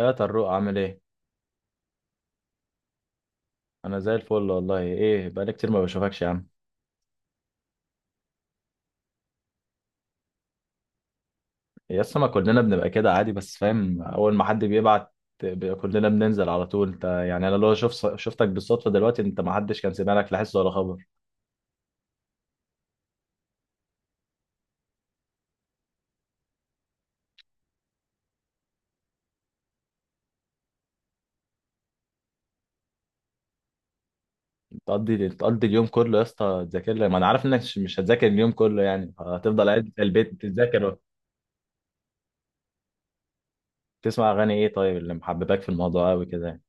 يا طروق، عامل ايه؟ انا زي الفل والله. ايه، بقالي كتير ما بشوفكش يا عم. يا اسطى، ما كلنا بنبقى كده عادي، بس فاهم، اول ما حد بيبعت بيبقى كلنا بننزل على طول. انت يعني، انا لو شفتك بالصدفه دلوقتي، انت ما حدش كان سمع لك، لا حس ولا خبر. تقضي اليوم كله يا اسطى تذاكر لي؟ ما انا عارف انك مش هتذاكر اليوم كله، يعني هتفضل قاعد في البيت تذاكر. تسمع اغاني ايه؟ طيب، اللي محببك في الموضوع قوي كده يعني؟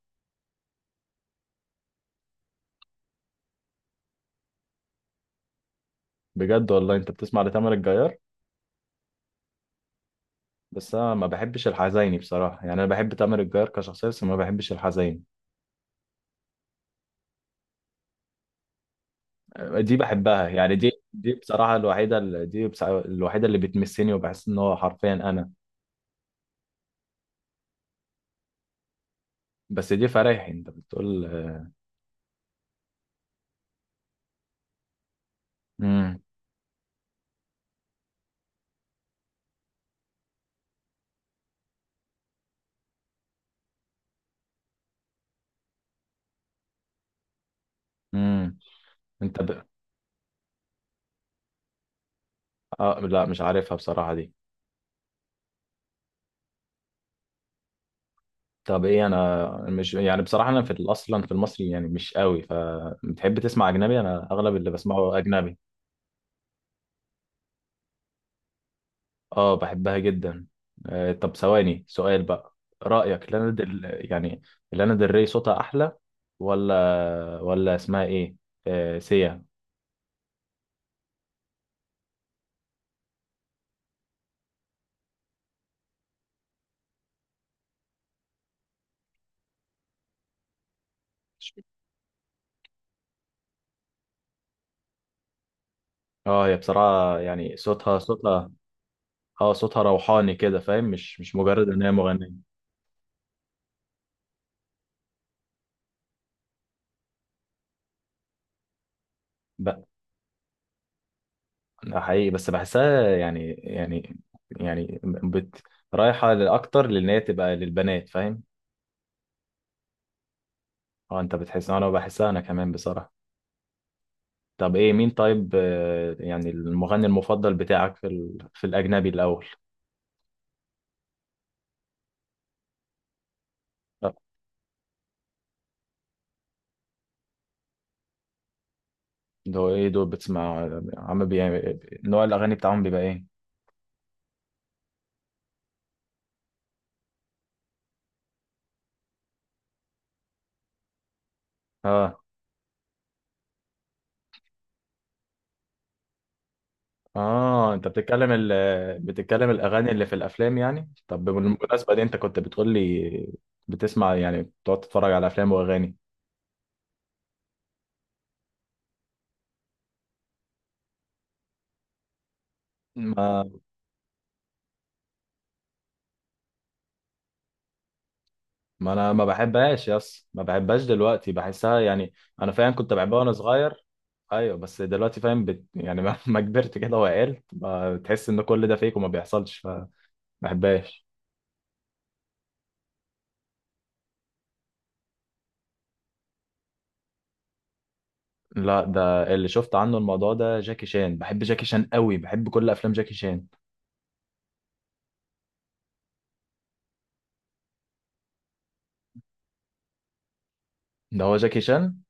بجد؟ والله انت بتسمع لتامر الجيار؟ بس انا ما بحبش الحزيني بصراحه، يعني انا بحب تامر الجيار كشخصيه، بس ما بحبش الحزيني. دي بحبها يعني، دي بصراحة الوحيدة اللي الوحيدة اللي بتمسني، وبحس ان هو حرفيا انا. بس دي فرايحي انت بتقول. امم، امم. انت ب... آه، لا مش عارفها بصراحة دي. طب ايه، انا مش يعني بصراحة، انا في اصلا في المصري يعني مش قوي، فبتحب تسمع اجنبي، انا اغلب اللي بسمعه اجنبي. اه، بحبها جدا. آه، طب ثواني، سؤال بقى. رأيك يعني، لانا دري صوتها احلى، ولا اسمها ايه، آه، سيا؟ اه، هي بصراحة يعني صوتها. اه، صوتها روحاني كده، فاهم، مش مجرد ان هي مغنية بقى. ده حقيقي، بس بحسها يعني، يعني بت رايحة لأكتر، لأن هي تبقى للبنات فاهم. اه، انت بتحس، انا بحسها انا كمان بصراحة. طب ايه، مين طيب، يعني المغني المفضل بتاعك في في الأجنبي الأول؟ آه. ده هو ايه دول بتسمع، عم بي... نوع الأغاني بتاعهم بيبقى ايه؟ اه، اه، انت بتتكلم بتتكلم الاغاني اللي في الافلام يعني، طب بالمناسبه دي انت كنت بتقول لي، بتسمع يعني بتقعد تتفرج على افلام واغاني. ما ما انا ما بحبهاش يس، ما بحبهاش دلوقتي، بحسها يعني. انا فاهم، كنت بحبها وانا صغير. ايوه، بس دلوقتي فاهم، يعني ما ما كبرت كده وعقلت بقى، بتحس ان كل ده فيك وما بيحصلش، فما بحبهاش. لا، ده اللي شفت عنه، الموضوع ده جاكي شان، بحب جاكي شان قوي، بحب كل افلام جاكي شان. ده هو جاكي شان؟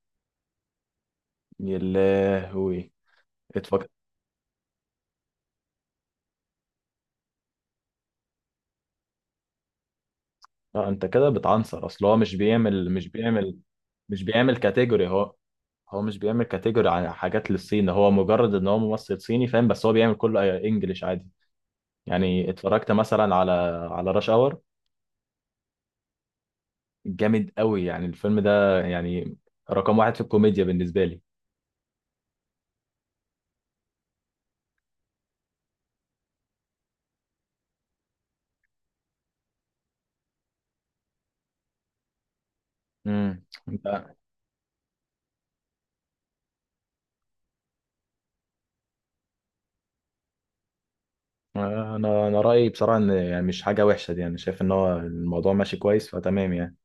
يا لهوي! لا، انت كده بتعنصر، اصل هو مش بيعمل كاتيجوري هو. هو مش بيعمل كاتيجوري عن حاجات للصين، هو مجرد ان هو ممثل صيني فاهم، بس هو بيعمل كله انجليش عادي. يعني اتفرجت مثلا على راش اور. جامد قوي يعني الفيلم ده، يعني رقم واحد في الكوميديا بالنسبه لي. امم. انا انا رايي بصراحه، ان يعني مش حاجه وحشه دي، انا شايف ان هو الموضوع ماشي كويس، فتمام يعني.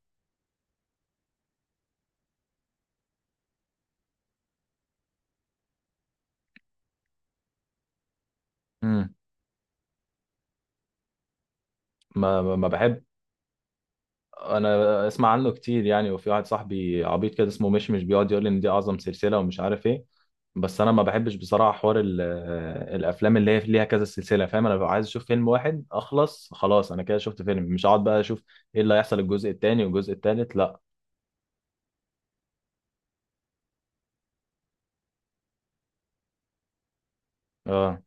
امم. ما بحبش. انا اسمع عنه كتير يعني، وفي واحد صاحبي عبيط كده اسمه مشمش بيقعد يقول لي ان دي اعظم سلسله ومش عارف ايه. بس انا ما بحبش بصراحه، حوار الافلام اللي هي ليها كذا سلسله فاهم، انا ببقى عايز اشوف فيلم واحد اخلص خلاص، انا كده شفت فيلم، مش هقعد بقى اشوف ايه اللي هيحصل الجزء التاني والجزء التالت، لا. اه،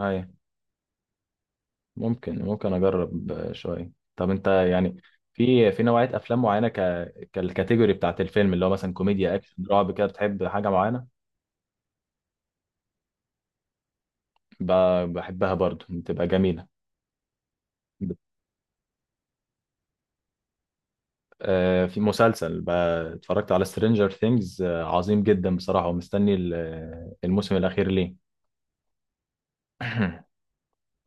اي. ممكن اجرب شويه، طب انت يعني في نوعيه افلام معينه، كالكاتيجوري بتاعت الفيلم، اللي هو مثلا كوميديا، اكشن، رعب كده، بتحب حاجه معينه؟ بحبها برضو، بتبقى جميله. في مسلسل بقى اتفرجت على سترينجر ثينجز، عظيم جدا بصراحة، ومستني الموسم الأخير ليه.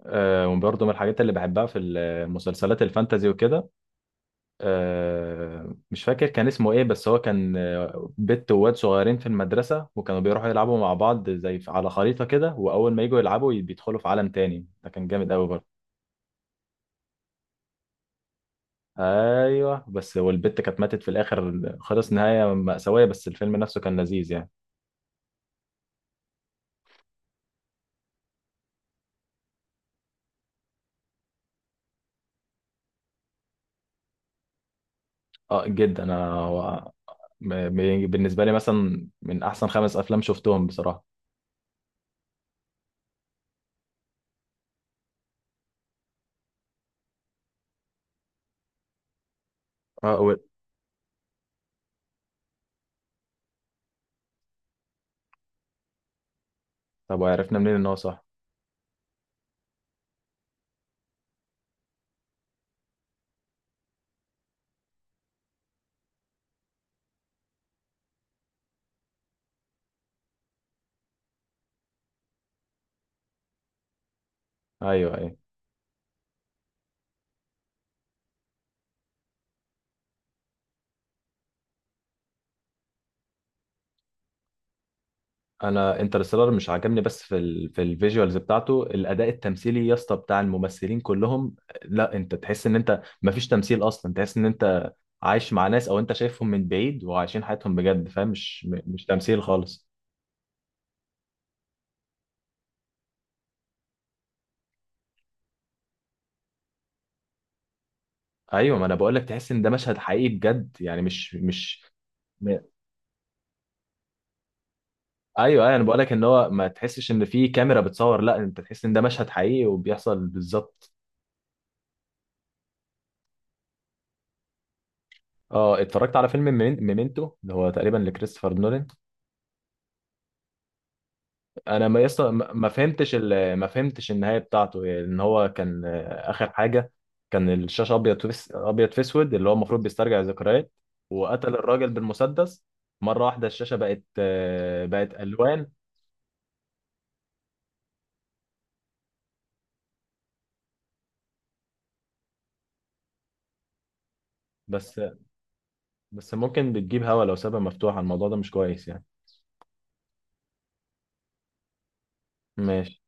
وبرضه من الحاجات اللي بحبها في المسلسلات الفانتازي وكده. مش فاكر كان اسمه ايه، بس هو كان بنت وواد صغيرين في المدرسة، وكانوا بيروحوا يلعبوا مع بعض زي على خريطة كده، وأول ما يجوا يلعبوا بيدخلوا في عالم تاني. ده كان جامد أوي برضه. ايوه، بس والبت كانت ماتت في الاخر خلص، نهايه مأساويه، بس الفيلم نفسه كان لذيذ يعني. اه، جدا. انا بالنسبة لي مثلا من أحسن 5 أفلام شفتهم بصراحة. اه. طب وعرفنا منين إن هو صح؟ أيوه، أيوه. أنا انترستيلر مش عجبني، بس في الفيجوالز بتاعته، الأداء التمثيلي يا اسطى بتاع الممثلين كلهم. لا، أنت تحس إن أنت مفيش تمثيل أصلا، تحس إن أنت عايش مع ناس أو أنت شايفهم من بعيد وعايشين حياتهم بجد فاهم، مش مش تمثيل خالص. أيوه، ما أنا بقول لك تحس إن ده مشهد حقيقي بجد يعني، مش. ايوه، ايوه، انا بقول لك ان هو ما تحسش ان في كاميرا بتصور، لا انت تحس ان ده مشهد حقيقي وبيحصل بالظبط. اه، اتفرجت على فيلم ميمنتو اللي هو تقريبا لكريستوفر نولان. انا ما فهمتش ما فهمتش النهايه بتاعته، يعني ان هو كان اخر حاجه. كان الشاشه ابيض في ابيض في اسود، اللي هو المفروض بيسترجع ذكريات، وقتل الراجل بالمسدس. مره واحده الشاشه بقت الوان. بس بس ممكن بتجيب هوا، لو سابها مفتوحه الموضوع ده مش كويس يعني. ماشي.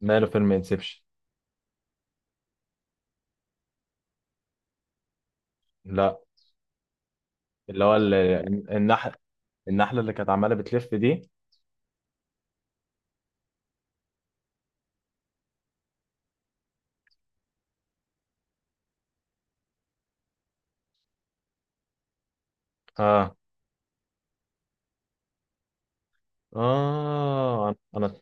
ماله فيلم انسبشن؟ لا، اللي هو النحل، النحلة اللي كانت عمالة بتلف دي. اه، اه، انا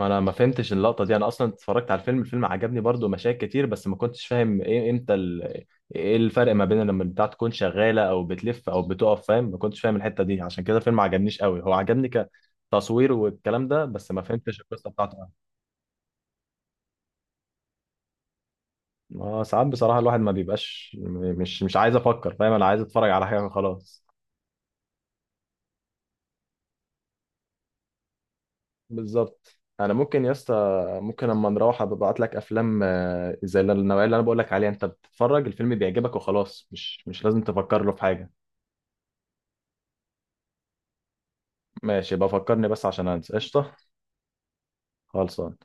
انا ما فهمتش اللقطة دي، انا اصلا اتفرجت على الفيلم. الفيلم عجبني برضو، مشاهد كتير، بس ما كنتش فاهم ايه، امتى ايه الفرق ما بين لما البتاع تكون شغالة، او بتلف او بتقف فاهم، ما كنتش فاهم الحتة دي، عشان كده الفيلم ما عجبنيش قوي، هو عجبني كتصوير والكلام ده، بس ما فهمتش القصة بتاعته قوي. اه، ساعات بصراحة الواحد ما بيبقاش، مش عايز افكر فاهم، انا عايز اتفرج على حاجة خلاص. بالظبط. انا ممكن يا اسطى، ممكن اما نروح ابعت لك افلام، زي النوعيه اللي انا بقول لك عليها، انت بتتفرج الفيلم بيعجبك وخلاص، مش لازم تفكر له في حاجه. ماشي، بفكرني بس عشان انسى، قشطه. خلصان.